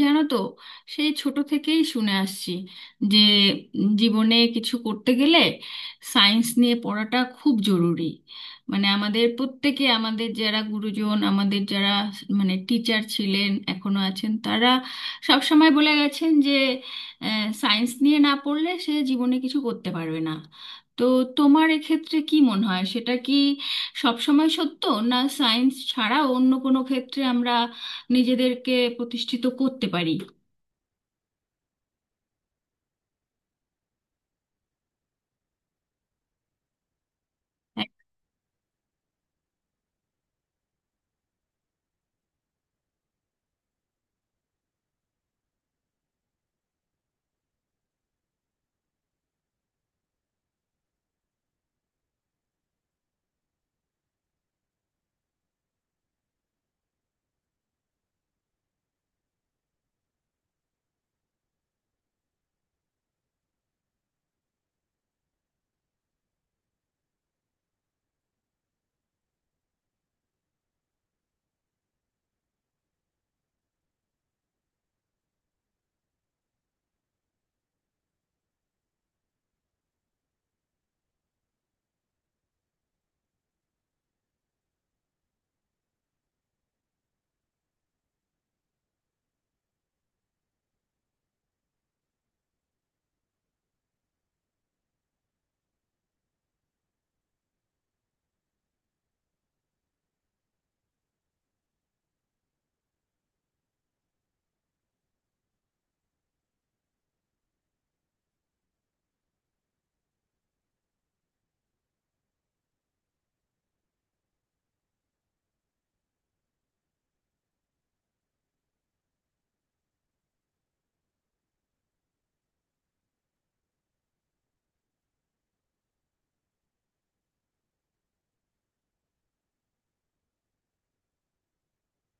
জানো তো, সেই ছোট থেকেই শুনে আসছি যে জীবনে কিছু করতে গেলে সায়েন্স নিয়ে পড়াটা খুব জরুরি। মানে আমাদের প্রত্যেকে, আমাদের যারা গুরুজন, আমাদের যারা মানে টিচার ছিলেন এখনো আছেন, তারা সব সময় বলে গেছেন যে সায়েন্স নিয়ে না পড়লে সে জীবনে কিছু করতে পারবে না। তো তোমার এক্ষেত্রে কি মনে হয়, সেটা কি সব সময় সত্য? না সায়েন্স ছাড়া অন্য কোনো ক্ষেত্রে আমরা নিজেদেরকে প্রতিষ্ঠিত করতে পারি?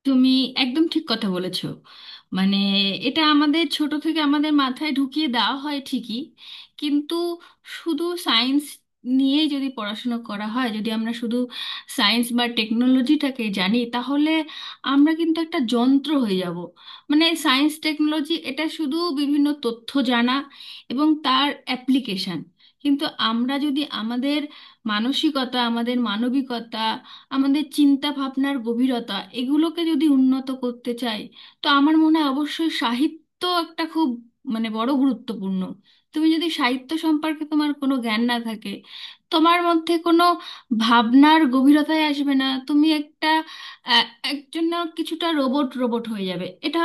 তুমি একদম ঠিক কথা বলেছো। মানে এটা আমাদের ছোট থেকে আমাদের মাথায় ঢুকিয়ে দেওয়া হয় ঠিকই, কিন্তু শুধু সায়েন্স নিয়ে যদি পড়াশোনা করা হয়, যদি আমরা শুধু সায়েন্স বা টেকনোলজিটাকে জানি, তাহলে আমরা কিন্তু একটা যন্ত্র হয়ে যাব। মানে সায়েন্স টেকনোলজি এটা শুধু বিভিন্ন তথ্য জানা এবং তার অ্যাপ্লিকেশন, কিন্তু আমরা যদি আমাদের মানসিকতা, আমাদের মানবিকতা, আমাদের চিন্তা ভাবনার গভীরতা এগুলোকে যদি উন্নত করতে চাই, তো আমার মনে হয় অবশ্যই সাহিত্য একটা খুব মানে বড় গুরুত্বপূর্ণ। তুমি যদি সাহিত্য সম্পর্কে তোমার কোনো জ্ঞান না থাকে, তোমার মধ্যে কোনো ভাবনার গভীরতায় আসবে না। তুমি একটা আহ, একজন না, কিছুটা রোবট রোবট হয়ে যাবে, এটা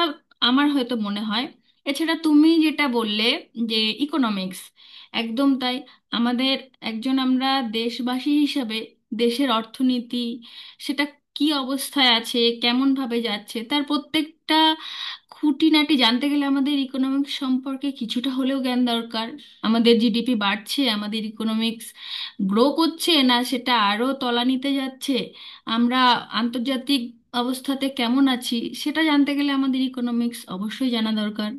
আমার হয়তো মনে হয়। এছাড়া তুমি যেটা বললে যে ইকোনমিক্স, একদম তাই। আমাদের একজন, আমরা দেশবাসী হিসাবে দেশের অর্থনীতি সেটা কি অবস্থায় আছে, কেমন ভাবে যাচ্ছে, তার প্রত্যেকটা খুঁটিনাটি জানতে গেলে আমাদের ইকোনমিক্স সম্পর্কে কিছুটা হলেও জ্ঞান দরকার। আমাদের জিডিপি বাড়ছে, আমাদের ইকোনমিক্স গ্রো করছে, না সেটা আরও তলানিতে যাচ্ছে, আমরা আন্তর্জাতিক অবস্থাতে কেমন আছি, সেটা জানতে গেলে আমাদের ইকোনমিক্স অবশ্যই জানা দরকার।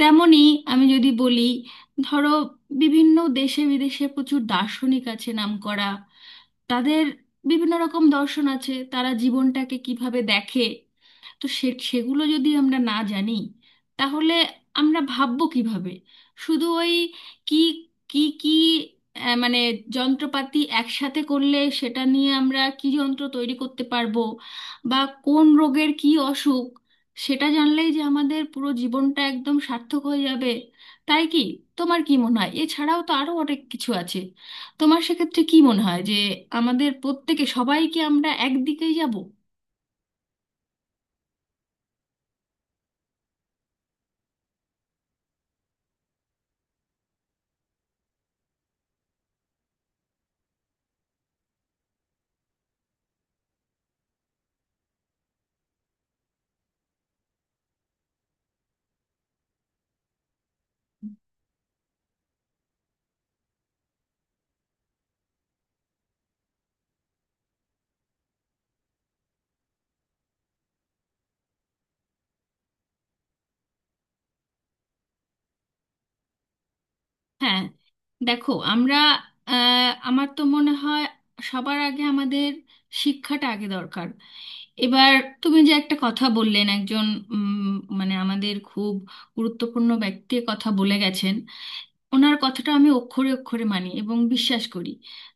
তেমনি আমি যদি বলি, ধরো বিভিন্ন দেশে বিদেশে প্রচুর দার্শনিক আছে নামকরা, তাদের বিভিন্ন রকম দর্শন আছে, তারা জীবনটাকে কিভাবে দেখে, তো সে সেগুলো যদি আমরা না জানি, তাহলে আমরা ভাববো কিভাবে? শুধু ওই কি কি কি মানে যন্ত্রপাতি একসাথে করলে সেটা নিয়ে আমরা কি যন্ত্র তৈরি করতে পারবো, বা কোন রোগের কি অসুখ সেটা জানলেই যে আমাদের পুরো জীবনটা একদম সার্থক হয়ে যাবে, তাই কি? তোমার কি মনে হয়? এছাড়াও তো আরো অনেক কিছু আছে। তোমার সেক্ষেত্রে কি মনে হয় যে আমাদের প্রত্যেকে সবাই কি আমরা একদিকেই যাব? হ্যাঁ, দেখো আমরা আমার তো মনে হয় সবার আগে আমাদের শিক্ষাটা আগে দরকার। এবার তুমি যে একটা কথা বললেন একজন উম, মানে আমাদের খুব গুরুত্বপূর্ণ ব্যক্তির কথা বলে গেছেন, ওনার কথাটা আমি অক্ষরে অক্ষরে মানি এবং বিশ্বাস করি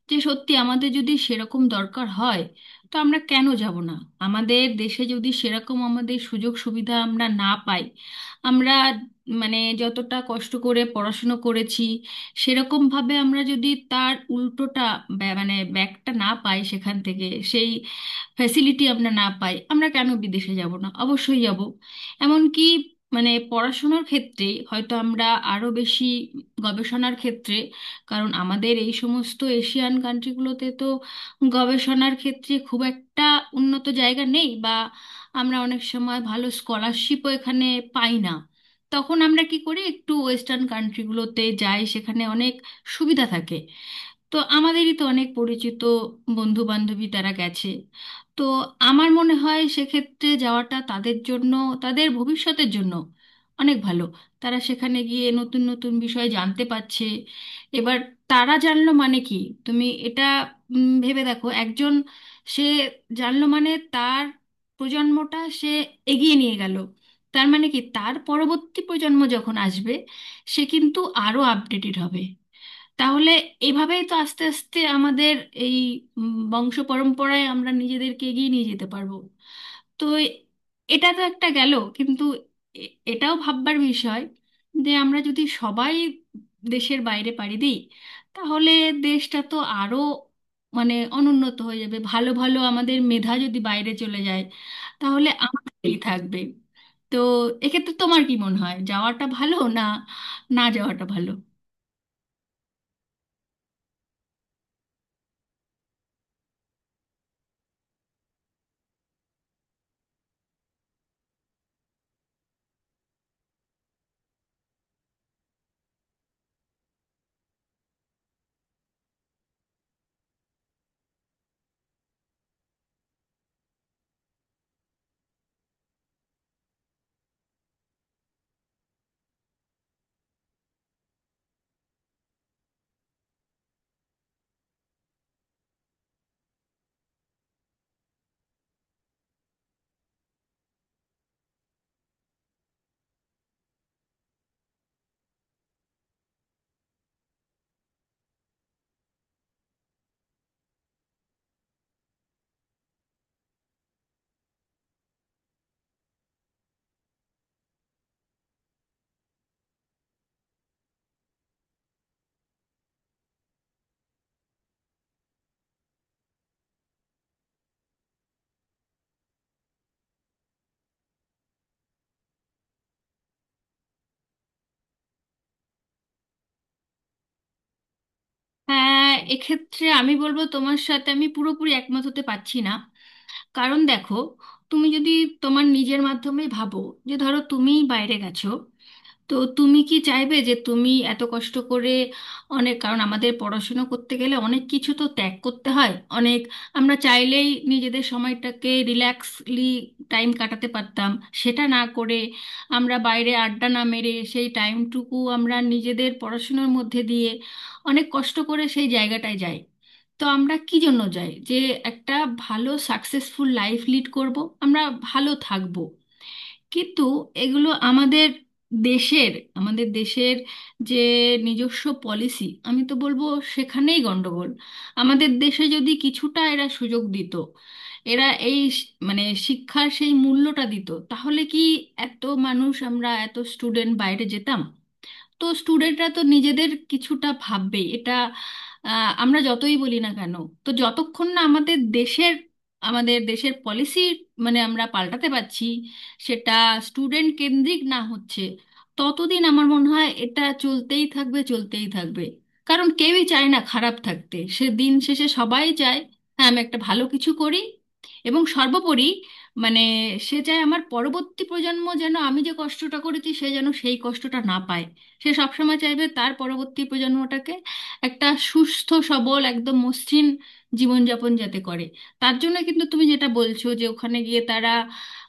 যে সত্যি আমাদের যদি সেরকম দরকার হয়, তো আমরা কেন যাব না? আমাদের দেশে যদি সেরকম আমাদের সুযোগ সুবিধা আমরা না পাই, আমরা মানে যতটা কষ্ট করে পড়াশুনো করেছি সেরকমভাবে আমরা যদি তার উল্টোটা মানে ব্যাকটা না পাই সেখান থেকে, সেই ফ্যাসিলিটি আমরা না পাই, আমরা কেন বিদেশে যাব না, অবশ্যই যাব। এমনকি মানে পড়াশোনার ক্ষেত্রে হয়তো আমরা আরো বেশি গবেষণার ক্ষেত্রে, কারণ আমাদের এই সমস্ত এশিয়ান কান্ট্রিগুলোতে তো গবেষণার ক্ষেত্রে খুব একটা উন্নত জায়গা নেই, বা আমরা অনেক সময় ভালো স্কলারশিপও এখানে পাই না। তখন আমরা কি করি, একটু ওয়েস্টার্ন কান্ট্রিগুলোতে যাই, সেখানে অনেক সুবিধা থাকে। তো আমাদেরই তো অনেক পরিচিত বন্ধু বান্ধবী তারা গেছে। তো আমার মনে হয় সেক্ষেত্রে যাওয়াটা তাদের জন্য, তাদের ভবিষ্যতের জন্য অনেক ভালো। তারা সেখানে গিয়ে নতুন নতুন বিষয় জানতে পারছে। এবার তারা জানলো মানে কি, তুমি এটা ভেবে দেখো একজন সে জানলো মানে তার প্রজন্মটা সে এগিয়ে নিয়ে গেল। তার মানে কি, তার পরবর্তী প্রজন্ম যখন আসবে সে কিন্তু আরো আপডেটেড হবে। তাহলে এভাবেই তো আস্তে আস্তে আমাদের এই বংশ পরম্পরায় আমরা নিজেদেরকে এগিয়ে নিয়ে যেতে পারবো। তো এ- এটা তো একটা গেল, কিন্তু এটাও ভাববার বিষয় যে আমরা যদি সবাই দেশের বাইরে পাড়ি দিই, তাহলে দেশটা তো আরো মানে অনুন্নত হয়ে যাবে। ভালো ভালো আমাদের মেধা যদি বাইরে চলে যায়, তাহলে আমাদেরই থাকবে। তো এক্ষেত্রে তোমার কি মনে হয়, যাওয়াটা ভালো না না যাওয়াটা ভালো? হ্যাঁ, এক্ষেত্রে আমি বলবো তোমার সাথে আমি পুরোপুরি একমত হতে পারছি না। কারণ দেখো, তুমি যদি তোমার নিজের মাধ্যমে ভাবো, যে ধরো তুমিই বাইরে গেছো, তো তুমি কি চাইবে যে তুমি এত কষ্ট করে, অনেক কারণ আমাদের পড়াশুনো করতে গেলে অনেক কিছু তো ত্যাগ করতে হয়, অনেক আমরা চাইলেই নিজেদের সময়টাকে রিল্যাক্সলি টাইম কাটাতে পারতাম, সেটা না করে আমরা বাইরে আড্ডা না মেরে সেই টাইমটুকু আমরা নিজেদের পড়াশুনোর মধ্যে দিয়ে অনেক কষ্ট করে সেই জায়গাটায় যাই। তো আমরা কি জন্য যাই, যে একটা ভালো সাকসেসফুল লাইফ লিড করব, আমরা ভালো থাকব। কিন্তু এগুলো আমাদের দেশের, আমাদের দেশের যে নিজস্ব পলিসি, আমি তো বলবো সেখানেই গন্ডগোল। আমাদের দেশে যদি কিছুটা এরা সুযোগ দিত, এরা মানে শিক্ষার সেই মূল্যটা দিত, তাহলে কি এত মানুষ আমরা, এত স্টুডেন্ট বাইরে যেতাম? তো স্টুডেন্টরা তো নিজেদের কিছুটা ভাববে, এটা আমরা যতই বলি না কেন। তো যতক্ষণ না আমাদের দেশের, আমাদের দেশের পলিসি মানে আমরা পাল্টাতে পারছি, সেটা স্টুডেন্ট কেন্দ্রিক না হচ্ছে, ততদিন আমার মনে হয় এটা চলতেই থাকবে, চলতেই থাকবে। কারণ কেউই চায় না খারাপ থাকতে, সে দিন শেষে সবাই চায় হ্যাঁ আমি একটা ভালো কিছু করি এবং সর্বোপরি মানে সে চায় আমার পরবর্তী প্রজন্ম যেন আমি যে কষ্টটা করেছি সে যেন সেই কষ্টটা না পায়। সে সবসময় চাইবে তার পরবর্তী প্রজন্মটাকে একটা সুস্থ সবল একদম মসৃণ জীবনযাপন যাতে করে। তার জন্য কিন্তু তুমি যেটা বলছো, যে ওখানে গিয়ে তারা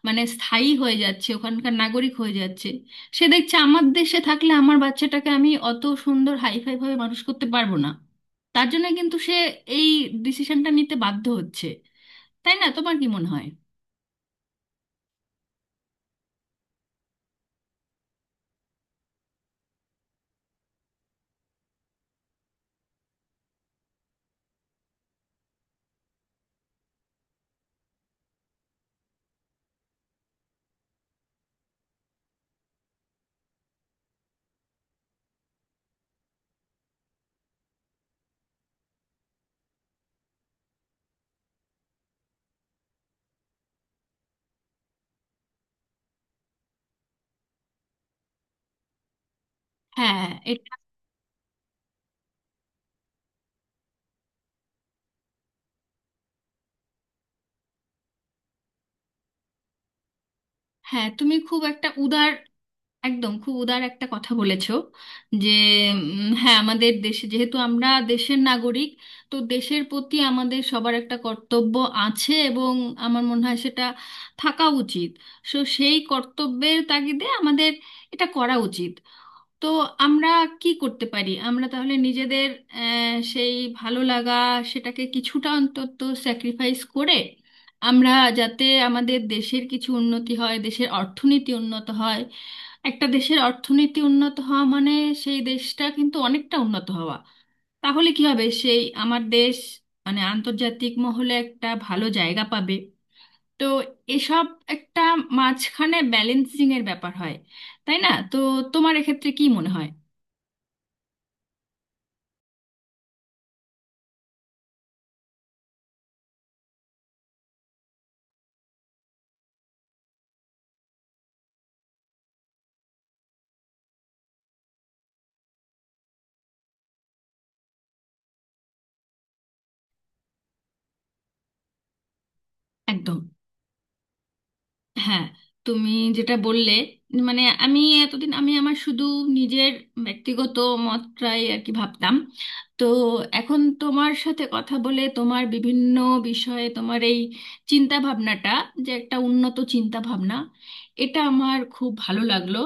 মানে স্থায়ী হয়ে যাচ্ছে, ওখানকার নাগরিক হয়ে যাচ্ছে, সে দেখছে আমার দেশে থাকলে আমার বাচ্চাটাকে আমি অত সুন্দর হাইফাই ভাবে মানুষ করতে পারবো না, তার জন্য কিন্তু সে এই ডিসিশনটা নিতে বাধ্য হচ্ছে। তাই না, তোমার কি মনে হয়? হ্যাঁ, এটা। হ্যাঁ, তুমি খুব একটা উদার, একদম খুব উদার একটা কথা বলেছো। যে হ্যাঁ আমাদের দেশে, যেহেতু আমরা দেশের নাগরিক, তো দেশের প্রতি আমাদের সবার একটা কর্তব্য আছে, এবং আমার মনে হয় সেটা থাকা উচিত। সো সেই কর্তব্যের তাগিদে আমাদের এটা করা উচিত। তো আমরা কি করতে পারি, আমরা তাহলে নিজেদের সেই ভালো লাগা সেটাকে কিছুটা অন্তত স্যাক্রিফাইস করে আমরা, যাতে আমাদের দেশের কিছু উন্নতি হয়, দেশের অর্থনীতি উন্নত হয়। একটা দেশের অর্থনীতি উন্নত হওয়া মানে সেই দেশটা কিন্তু অনেকটা উন্নত হওয়া। তাহলে কি হবে, সেই আমার দেশ মানে আন্তর্জাতিক মহলে একটা ভালো জায়গা পাবে। তো এসব একটা মাঝখানে ব্যালেন্সিং এর ব্যাপার হয়, তাই না? তো তোমার এক্ষেত্রে কি মনে হয়? একদম। হ্যাঁ, তুমি যেটা বললে, মানে আমি এতদিন আমি আমার শুধু নিজের ব্যক্তিগত মতটাই আর কি ভাবতাম। তো এখন তোমার সাথে কথা বলে, তোমার বিভিন্ন বিষয়ে তোমার এই চিন্তা ভাবনাটা যে একটা উন্নত চিন্তা ভাবনা, এটা আমার খুব ভালো লাগলো।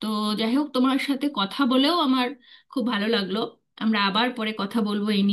তো যাই হোক, তোমার সাথে কথা বলেও আমার খুব ভালো লাগলো। আমরা আবার পরে কথা বলবো এই নিয়ে।